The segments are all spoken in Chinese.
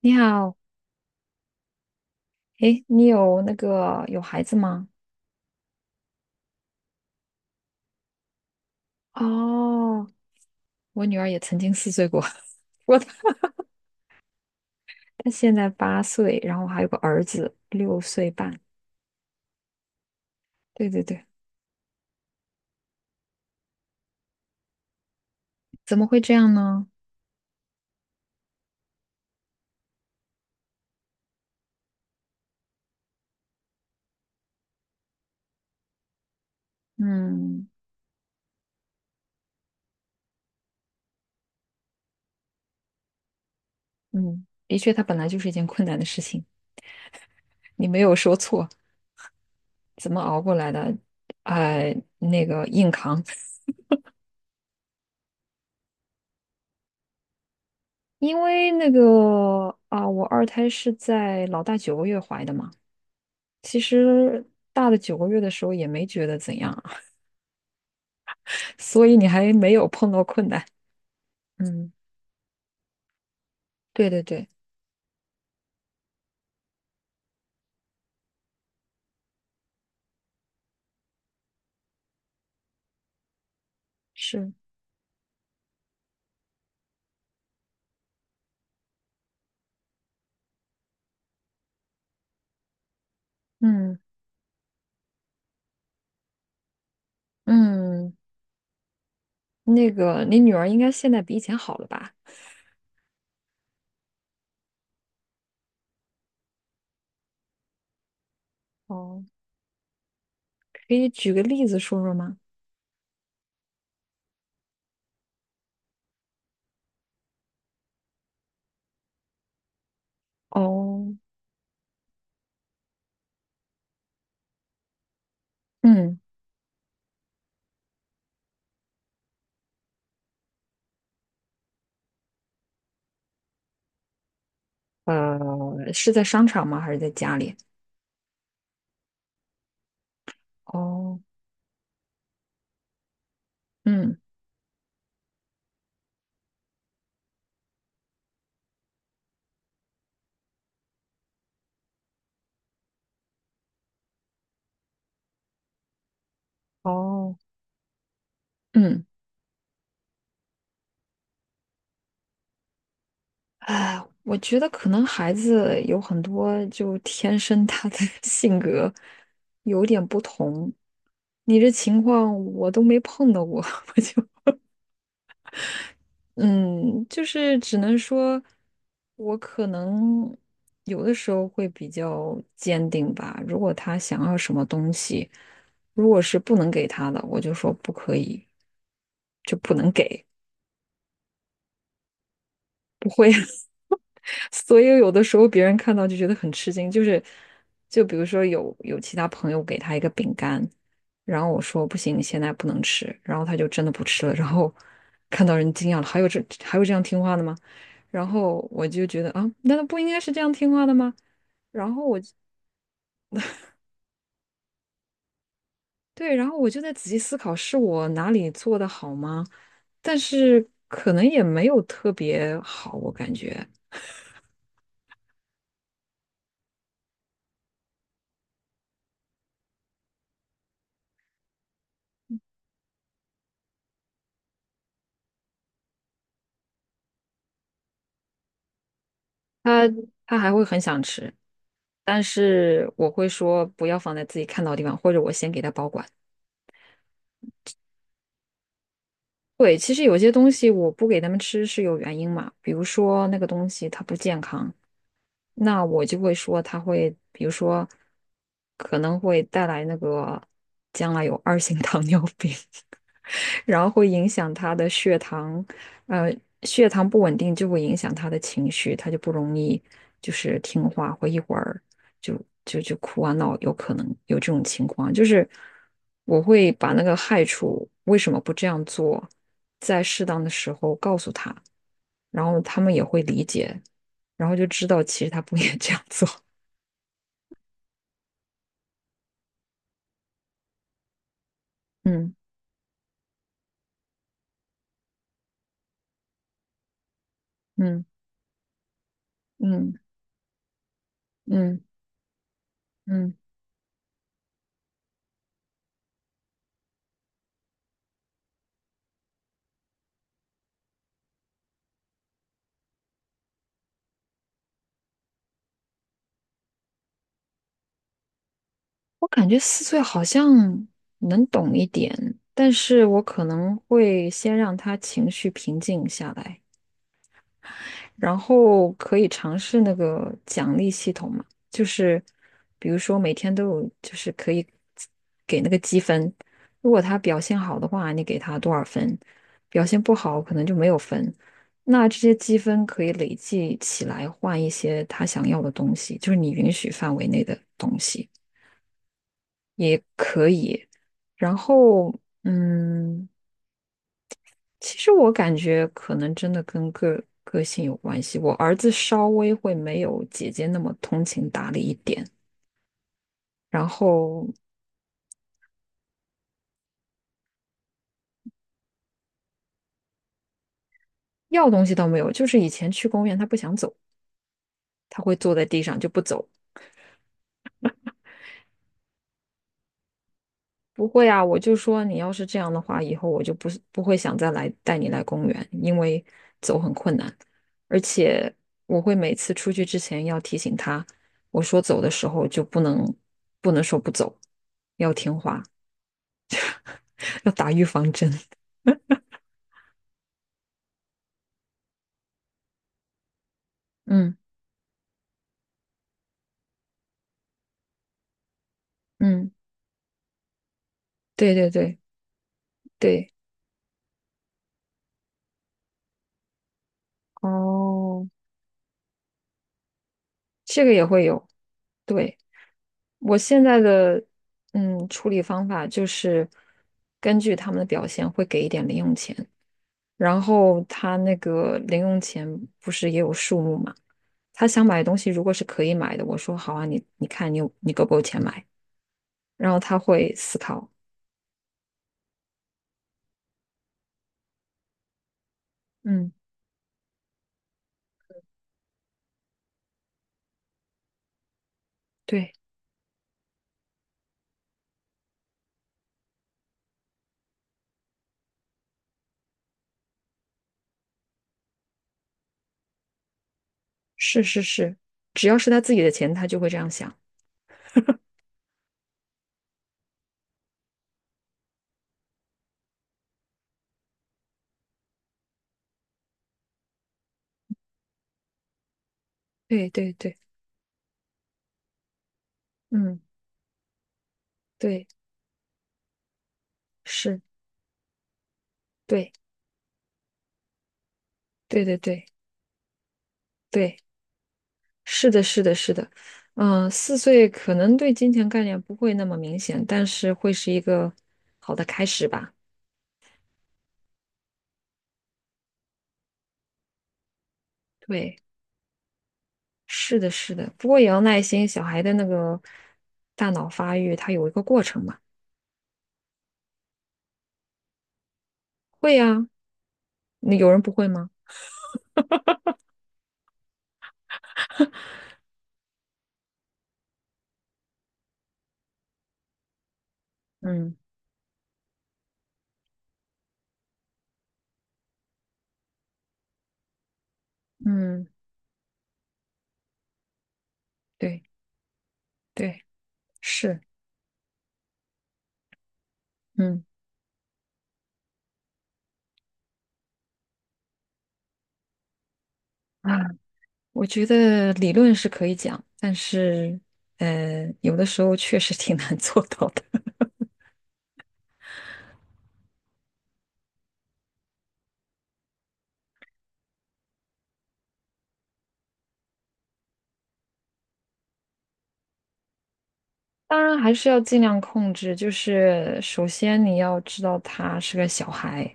你好，诶，你有孩子吗？哦，我女儿也曾经四岁过。我她她现在8岁，然后还有个儿子6岁半。对对对，怎么会这样呢？嗯嗯，的确，它本来就是一件困难的事情。你没有说错，怎么熬过来的？哎、硬扛。因为我二胎是在老大九个月怀的嘛。其实大的九个月的时候也没觉得怎样。所以你还没有碰到困难。嗯，对对对，是，嗯嗯，你女儿应该现在比以前好了吧？哦，可以举个例子说说吗？哦，嗯，是在商场吗？还是在家里？哦，嗯，哦，嗯，哎，我觉得可能孩子有很多就天生他的 性格有点不同。你这情况我都没碰到过。我嗯，就是只能说，我可能有的时候会比较坚定吧。如果他想要什么东西，如果是不能给他的，我就说不可以，就不能给。所以有的时候别人看到就觉得很吃惊，就是就比如说有其他朋友给他一个饼干，然后我说不行，你现在不能吃，然后他就真的不吃了，然后 看到人惊讶了，还有这样听话的吗？然后我就觉得啊，难道不应该是这样听话的吗？然后我就对，然后我就在仔细思考，是我哪里做的好吗？但是可能也没有特别好，我感觉他他还会很想吃，但是我会说不要放在自己看到的地方，或者我先给他保管。对，其实有些东西我不给他们吃是有原因嘛，比如说那个东西它不健康，那我就会说他会，比如说，可能会带来那个将来有2型糖尿病，然后会影响他的血糖。呃，血糖不稳定就会影响他的情绪，他就不容易就是听话，会一会儿就就哭啊闹，有可能有这种情况。就是我会把那个害处为什么不这样做，在适当的时候告诉他。然后他们也会理解，然后就知道其实他不应该这样做。嗯，嗯，嗯，嗯，嗯，我感觉四岁好像能懂一点，但是我可能会先让他情绪平静下来。然后可以尝试那个奖励系统嘛，就是比如说每天都有，就是可以给那个积分，如果他表现好的话，你给他多少分；表现不好，可能就没有分。那这些积分可以累计起来换一些他想要的东西，就是你允许范围内的东西也可以。然后。其实我感觉可能真的跟个性有关系。我儿子稍微会没有姐姐那么通情达理一点，然后要东西倒没有，就是以前去公园他不想走，他会坐在地上就不走。不会啊，我就说你要是这样的话，以后我就不会想再来带你来公园，因为走很困难，而且我会每次出去之前要提醒他，我说走的时候就不能说不走，要听话，要打预防针。嗯。嗯，对对对对，哦，这个也会有。对，我现在的处理方法就是根据他们的表现会给一点零用钱，然后他那个零用钱不是也有数目嘛？他想买的东西如果是可以买的，我说好啊，你看你够不够钱买？然后他会思考，嗯，对，是是是，只要是他自己的钱，他就会这样想。对对对，嗯，对，是，对对对对。对，是的，是的，是的，嗯，四岁可能对金钱概念不会那么明显，但是会是一个好的开始吧。对，是的，是的，不过也要耐心，小孩的那个大脑发育，它有一个过程嘛。会呀，那有人不会吗？嗯嗯，对对，是，嗯啊，我觉得理论是可以讲，但是有的时候确实挺难做到的。当然还是要尽量控制，就是首先你要知道他是个小孩，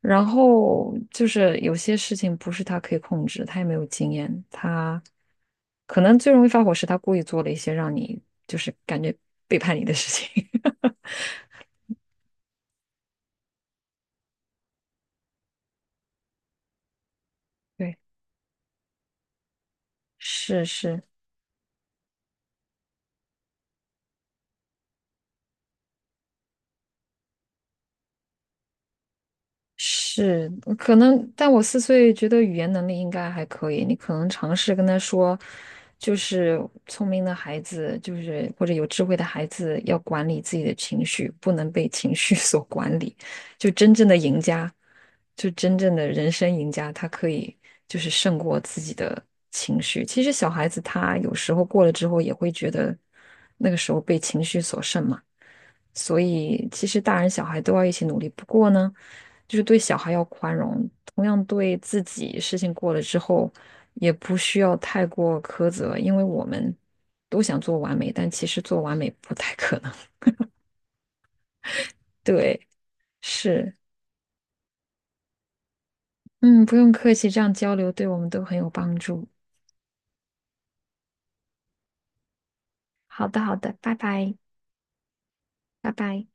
然后就是有些事情不是他可以控制，他也没有经验，他可能最容易发火是他故意做了一些让你就是感觉背叛你的事情。对，是是，是，可能，但我四岁觉得语言能力应该还可以。你可能尝试跟他说，就是聪明的孩子，就是或者有智慧的孩子，要管理自己的情绪，不能被情绪 所管理。就真正的赢家，就真正的人生赢家，他可以就是胜过自己的情绪。其实小孩子他有时候过了之后，也会觉得那个时候被情绪所胜嘛。所以其实大人小孩都要一起努力。不过呢，就是对小孩要宽容，同样对自己事情过了之后，也不需要太过苛责，因为我们都想做完美，但其实做完美不太可能。对，是，嗯，不用客气，这样交流对我们都很有帮助。好的，好的，拜拜，拜拜。